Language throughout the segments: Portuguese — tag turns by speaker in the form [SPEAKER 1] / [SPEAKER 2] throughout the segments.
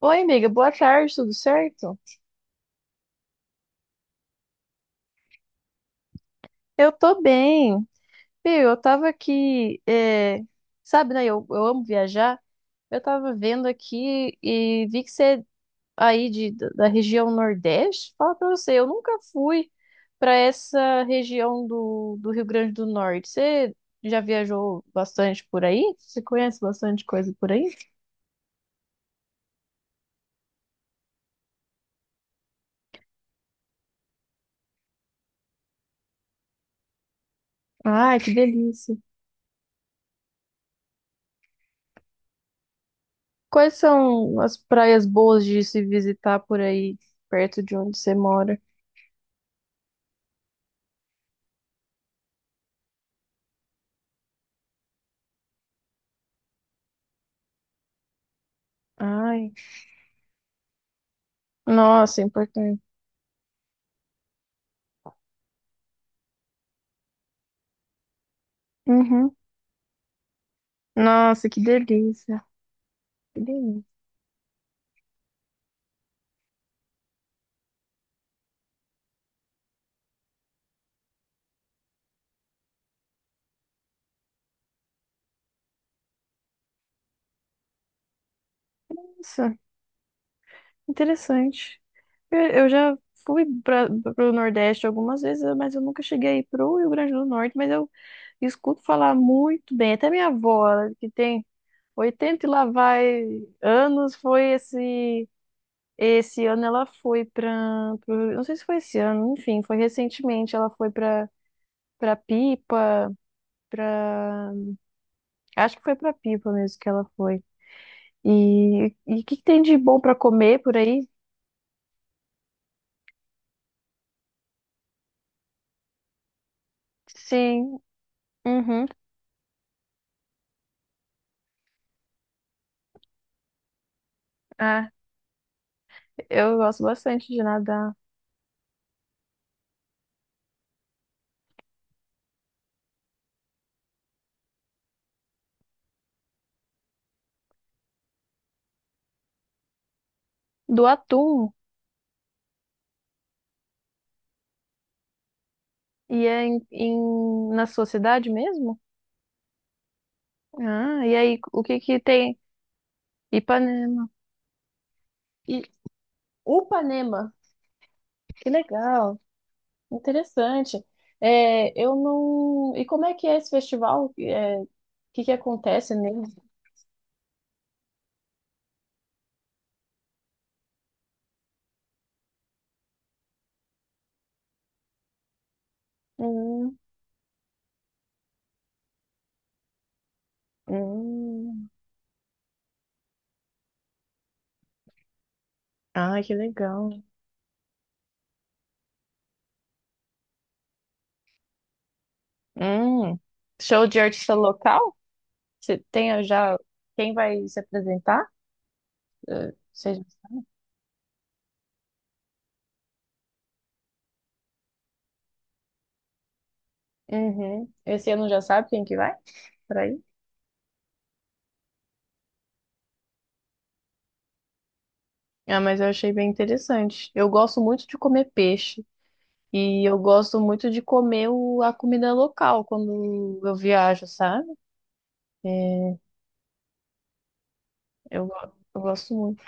[SPEAKER 1] Oi, amiga, boa tarde, tudo certo? Eu tô bem. Viu, eu tava aqui, sabe, né? Eu amo viajar. Eu tava vendo aqui e vi que você é aí da região Nordeste. Fala pra você, eu nunca fui pra essa região do Rio Grande do Norte. Você já viajou bastante por aí? Você conhece bastante coisa por aí? Ai, que delícia. Quais são as praias boas de se visitar por aí, perto de onde você mora? Ai. Nossa, é importante. Uhum. Nossa, que delícia. Que delícia. Nossa, interessante. Eu já fui para o Nordeste algumas vezes, mas eu nunca cheguei aí pro Rio Grande do Norte, mas eu escuto falar muito bem. Até minha avó, ela que tem 80 e lá vai anos, foi esse ano ela foi para, não sei se foi esse ano, enfim, foi recentemente, ela foi para Pipa, para acho que foi para Pipa mesmo que ela foi. E o que tem de bom pra comer por aí? Sim, uhum. Ah, eu gosto bastante de nadar. Do atum, e é na sua cidade mesmo? Ah, e aí, o que que tem? Ipanema. E Upanema, que legal, interessante. É, eu não. E como é que é esse festival? É, o que que acontece nele? Hum, hum. Ah, que legal. Hum. Show de artista local? Você tem já quem vai se apresentar? Você... Uhum. Esse ano já sabe quem que vai? Por aí? Ah, mas eu achei bem interessante. Eu gosto muito de comer peixe e eu gosto muito de comer a comida local quando eu viajo, sabe? É, eu gosto muito.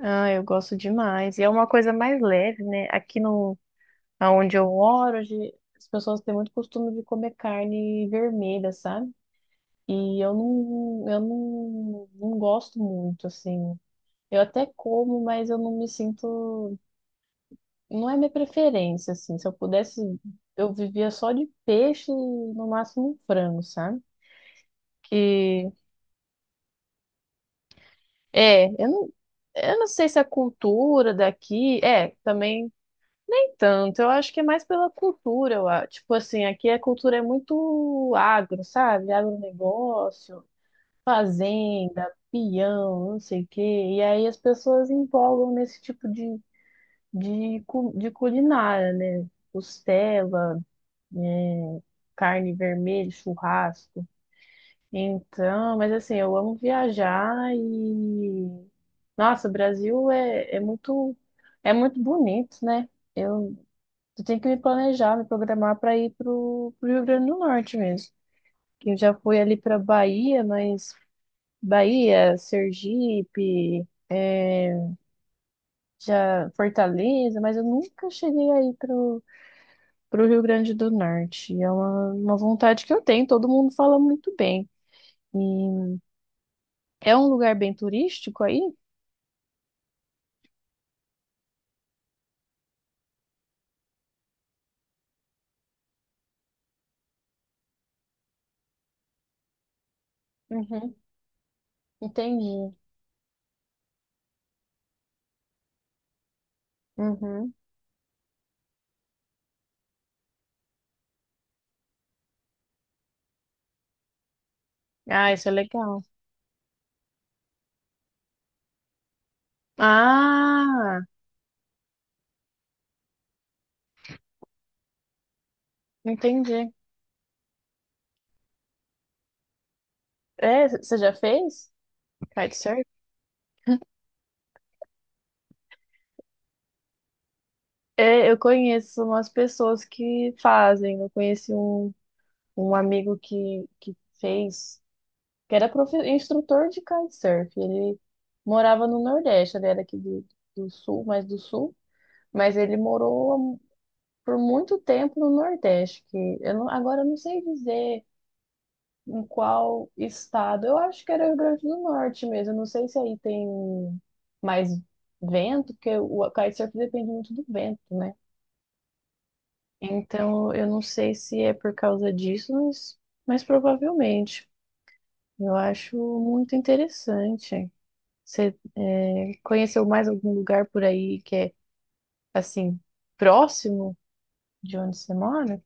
[SPEAKER 1] Ah, eu gosto demais. E é uma coisa mais leve, né? Aqui no, aonde eu moro, hoje, as pessoas têm muito costume de comer carne vermelha, sabe? E eu não, não gosto muito, assim. Eu até como, mas eu não me sinto. Não é minha preferência, assim. Se eu pudesse, eu vivia só de peixe e no máximo um frango, sabe? Que. É, eu não sei se a cultura daqui. É, também nem tanto. Eu acho que é mais pela cultura. Tipo assim, aqui a cultura é muito agro, sabe? Agronegócio. Fazenda, peão, não sei o quê. E aí as pessoas empolgam nesse tipo de, de culinária, né? Costela, é, carne vermelha, churrasco. Então, mas assim, eu amo viajar e. Nossa, o é muito bonito, né? Eu, eu tenho que me planejar, me programar para ir pro Rio Grande do Norte mesmo. Que eu já fui ali para Bahia, mas Bahia, Sergipe, já Fortaleza, mas eu nunca cheguei aí pro Rio Grande do Norte. É uma vontade que eu tenho, todo mundo fala muito bem. E é um lugar bem turístico aí? Uhum, entendi. Uhum. Ah, isso é legal. Ah, entendi. É, você já fez? Kitesurf? É, eu conheço umas pessoas que fazem. Eu conheci um amigo que fez. Que era instrutor de kitesurf. Ele morava no Nordeste, ele era aqui do Sul, mais do Sul, mas ele morou por muito tempo no Nordeste, que eu não, agora eu não sei dizer em qual estado. Eu acho que era o Rio Grande do Norte mesmo. Eu não sei se aí tem mais vento, porque o kitesurf depende muito do vento, né? Então, eu não sei se é por causa disso, mas provavelmente. Eu acho muito interessante. Você é, conheceu mais algum lugar por aí que é assim próximo de onde você mora?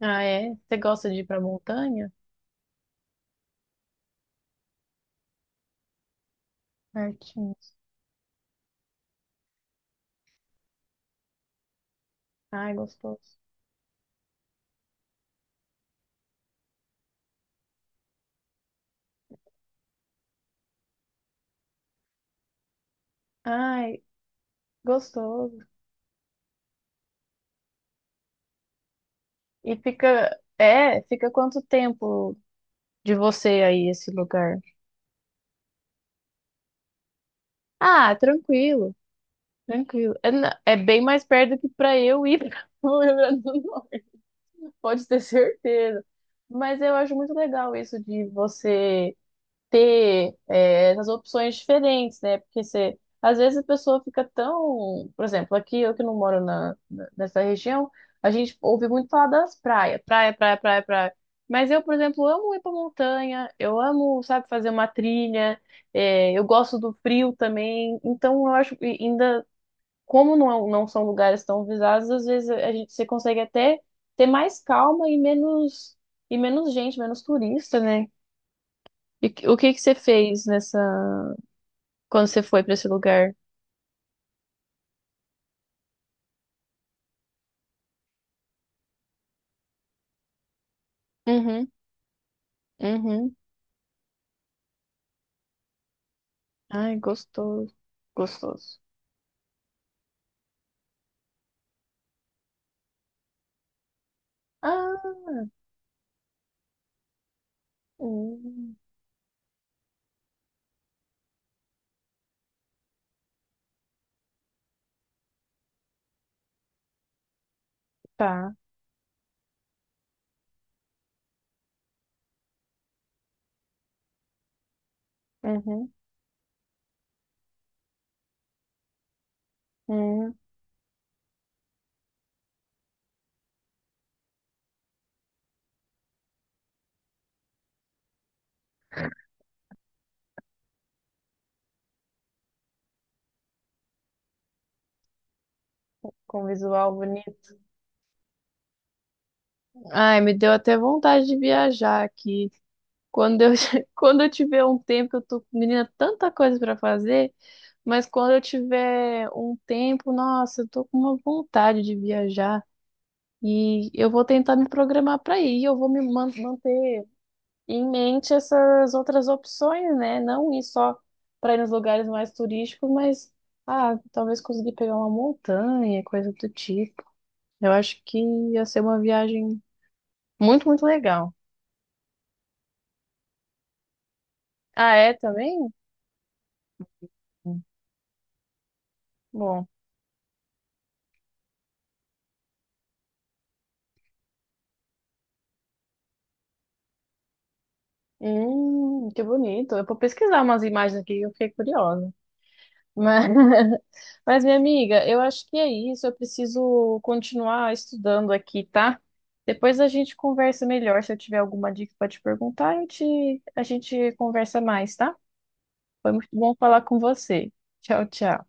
[SPEAKER 1] Ah, é? Você gosta de ir pra montanha? Martins. Ai, gostoso. Ai, gostoso. E fica, é, fica quanto tempo de você aí esse lugar? Ah, tranquilo, tranquilo. É, é bem mais perto que pra eu ir para o Rio Grande do Norte. Pode ter certeza. Mas eu acho muito legal isso de você ter essas opções diferentes, né? Porque você, às vezes a pessoa fica tão, por exemplo, aqui eu que não moro nessa região, a gente ouve muito falar das praias, praia, praia, praia, praia. Mas eu, por exemplo, amo ir pra montanha, eu amo, sabe, fazer uma trilha, eu gosto do frio também, então eu acho que ainda, como não, não são lugares tão visados, às vezes a gente, você consegue até ter mais calma e menos gente, menos turista, né? E o que que você fez nessa quando você foi pra esse lugar? Uhum, uhum. Ai, gostoso, gostoso. Ah, hum, tá. Uhum, uhum. Com visual bonito. Ai, me deu até vontade de viajar aqui. Quando eu, quando eu tiver um tempo, eu tô, menina, tanta coisa pra fazer, mas quando eu tiver um tempo, nossa, eu tô com uma vontade de viajar e eu vou tentar me programar pra ir, eu vou me manter em mente essas outras opções, né? Não ir só para ir nos lugares mais turísticos, mas ah, talvez conseguir pegar uma montanha, coisa do tipo. Eu acho que ia ser uma viagem muito, muito legal. Ah, é também? Bom, que bonito. Eu vou pesquisar umas imagens aqui, eu fiquei curiosa. Mas mas, minha amiga, eu acho que é isso. Eu preciso continuar estudando aqui, tá? Depois a gente conversa melhor. Se eu tiver alguma dica para te perguntar, eu te... a gente conversa mais, tá? Foi muito bom falar com você. Tchau, tchau.